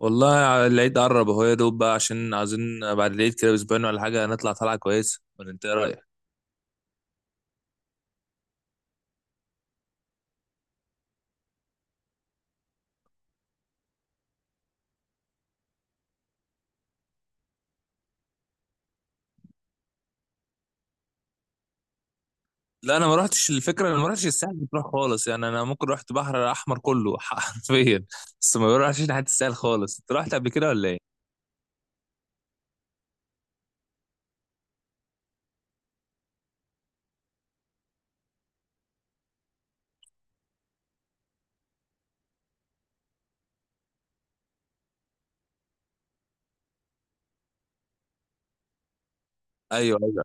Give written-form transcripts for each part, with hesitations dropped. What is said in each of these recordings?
والله العيد قرب اهو يا دوب بقى عشان عايزين بعد العيد كده باسبوعين ولا حاجه نطلع طلعه كويسه، ولا انت ايه رايك؟ لا انا ما رحتش، الفكره انا ما رحتش الساحل بتروح خالص، يعني انا ممكن رحت بحر احمر كله حرفيا. بس ما بروحش ناحيه الساحل خالص. انت رحت قبل كده ولا ايه؟ ايوه ايوه.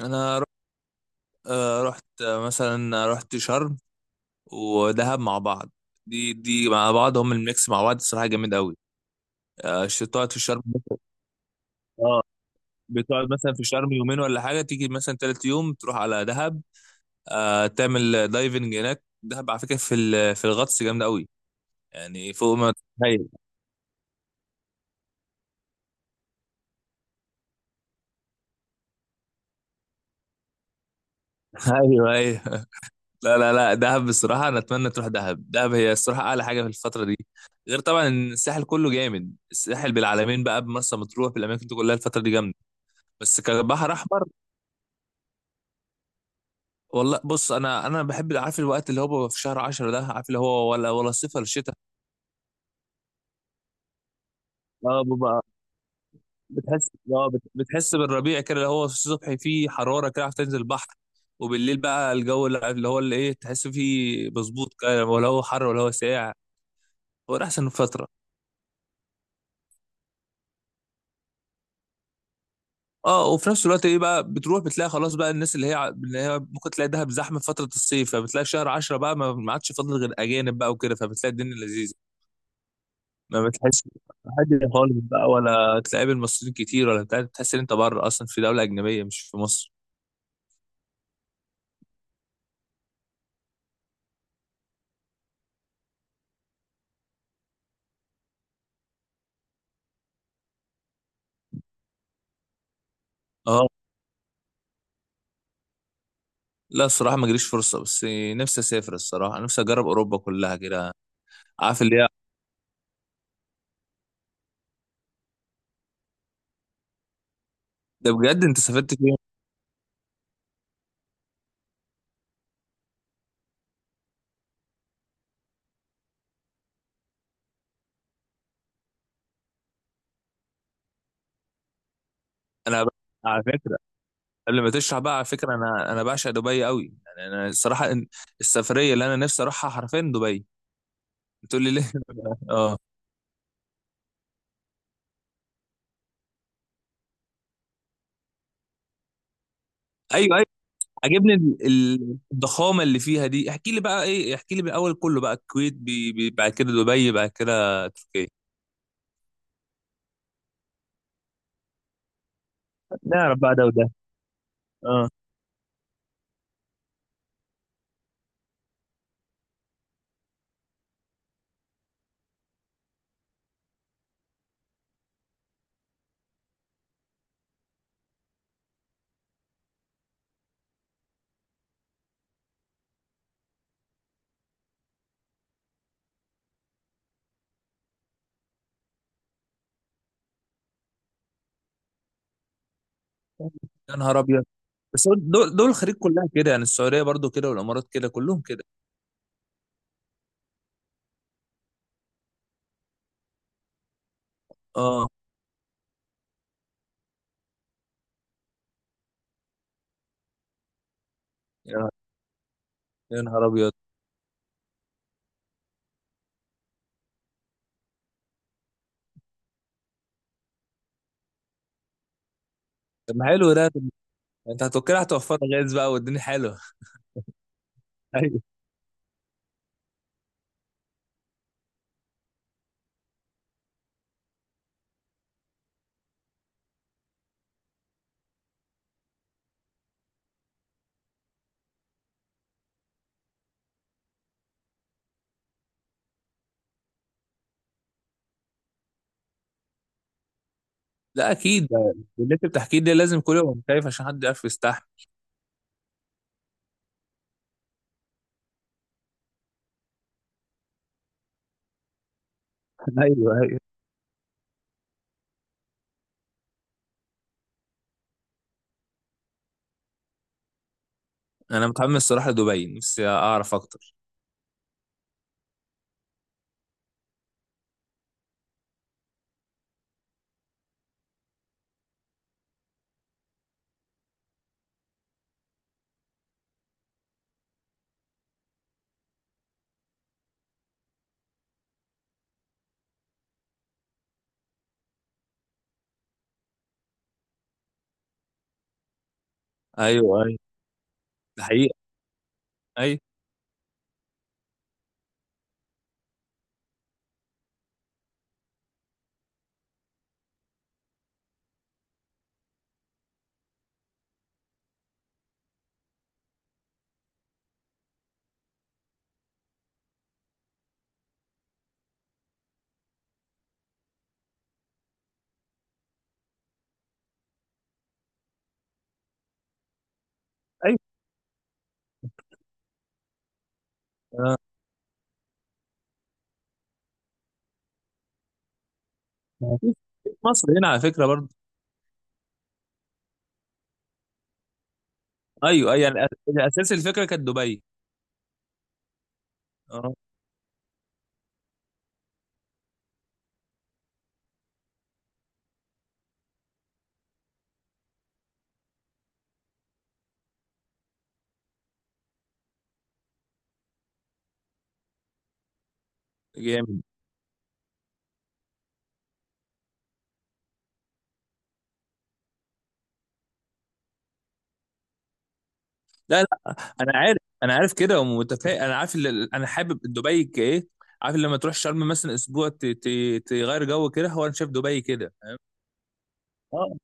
انا رحت، رحت، مثلا رحت شرم ودهب مع بعض. دي مع بعض هم، الميكس مع بعض الصراحه جامد قوي. تقعد في شرم. اه، بتقعد مثلا في شرم يومين ولا حاجه، تيجي مثلا تالت يوم تروح على دهب. آه تعمل دايفنج هناك. دهب على فكره في في الغطس جامده قوي، يعني فوق ما تتخيل. ايوه ايوه. لا دهب بصراحه انا اتمنى تروح دهب. دهب هي الصراحه اعلى حاجه في الفتره دي، غير طبعا إن الساحل كله جامد. الساحل بالعلمين بقى، بمرسى مطروح، بالاماكن دي كلها الفتره دي جامده، بس كبحر احمر. والله بص، انا بحب، عارف الوقت اللي هو بيبقى في شهر 10 ده؟ عارف اللي هو، ولا صيف ولا شتاء؟ بتحس، اه، بتحس بالربيع كده، اللي هو في الصبح فيه حراره كده، عارف، تنزل البحر، وبالليل بقى الجو اللي، اللي هو ايه، تحس فيه مظبوط كده، ولا هو حر ولا هو ساقع. هو ده احسن فتره. اه، وفي نفس الوقت ايه بقى، بتروح بتلاقي خلاص بقى الناس اللي هي، اللي هي ممكن تلاقي دهب زحمه في فتره الصيف، فبتلاقي في شهر 10 بقى ما عادش فاضل غير اجانب بقى وكده، فبتلاقي الدنيا لذيذه. ما بتحس حد خالص بقى، ولا تلاقي بالمصريين كتير ولا بتاع، بتحس ان انت بره اصلا في دوله اجنبيه مش في مصر. اه. لا الصراحة ما جريش فرصة، بس نفسي أسافر الصراحة، نفسي أجرب أوروبا كلها كده، عارف اللي هي. ده بجد أنت سافرت فين؟ أنا ب... على فكرة، قبل ما تشرح بقى، على فكرة أنا بعشق دبي قوي، يعني أنا الصراحة السفرية اللي أنا نفسي أروحها حرفيا دبي. بتقول لي ليه؟ أه. أيوه أيوه. عاجبني الضخامة اللي فيها دي. احكي لي بقى إيه، احكي لي من الأول كله بقى. الكويت، بعد كده دبي، بعد كده تركيا. نعرف بقى ده وده. أه. يا نهار أبيض. بس هو دول الخليج كلها كده، يعني السعوديه برضو كده والامارات كده، كلهم كده. اه. يا يا نهار ابيض. طب ما حلو ده، طب انت هتوكل، هتوفر غاز بقى والدنيا حلوه. ايوه. لا اكيد ده اللي انت بتحكيه ده، لازم كل يوم خايف عشان حد يعرف يستحمل. ايوه ايوه. انا متحمس الصراحه لدبي، نفسي اعرف اكتر. ايوه ايوه. ده حقيقه؟ ايوه ايوه. آه. ما فيش- مصر هنا على فكره برضو. ايوه ايوه، يعني الاساس الفكره كانت دبي. اه. جامد. لا انا عارف، انا عارف كده ومتفائل، انا عارف اللي انا حابب دبي كايه. عارف لما تروح شرم مثلا اسبوع تغير جو كده، هو انا شايف دبي كده، فاهم؟ اه.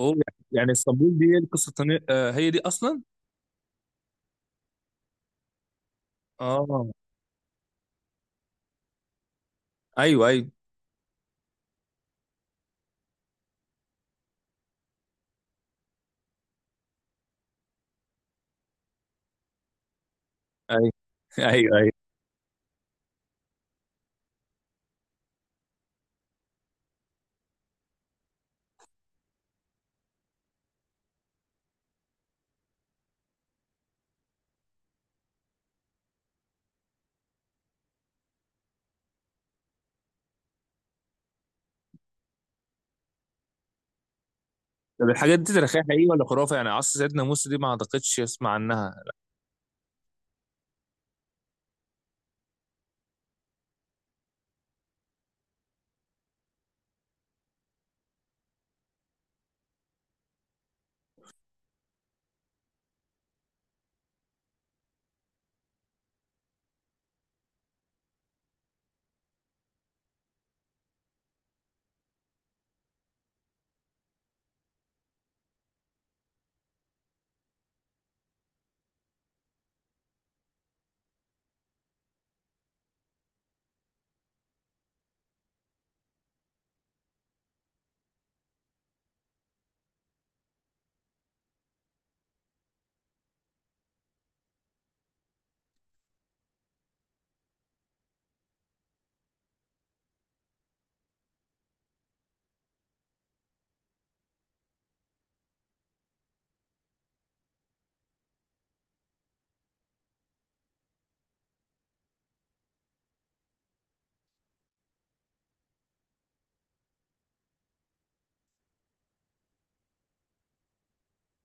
هو يعني اسطنبول دي هي القصه آه، هي دي اصلا. اه. ايوه ايوه ايوه. ايوه ايوه. طب الحاجات دي تاريخيه حقيقيه ولا خرافه؟ يعني عصر سيدنا موسى دي ما اعتقدش اسمع عنها.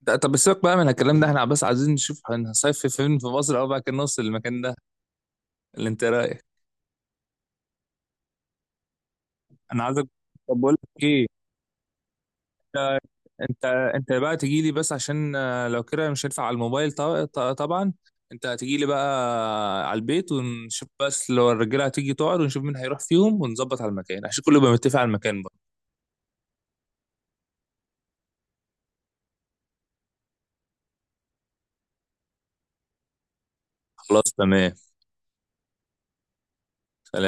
طب سيبك بقى من الكلام ده، احنا بس عايزين نشوف هنصيف فين في مصر او بقى كان نوصل للمكان ده. اللي انت إيه رايك؟ انا عايزك، طب بقول لك ايه. انت، انت بقى تجي لي بس عشان، آه، لو كده مش هينفع على الموبايل طبعا. انت هتجي لي بقى على البيت ونشوف، بس لو الرجاله هتيجي تقعد، ونشوف مين هيروح فيهم، ونظبط على المكان عشان كله يبقى متفق على المكان بقى. خلاص تمام. سلام.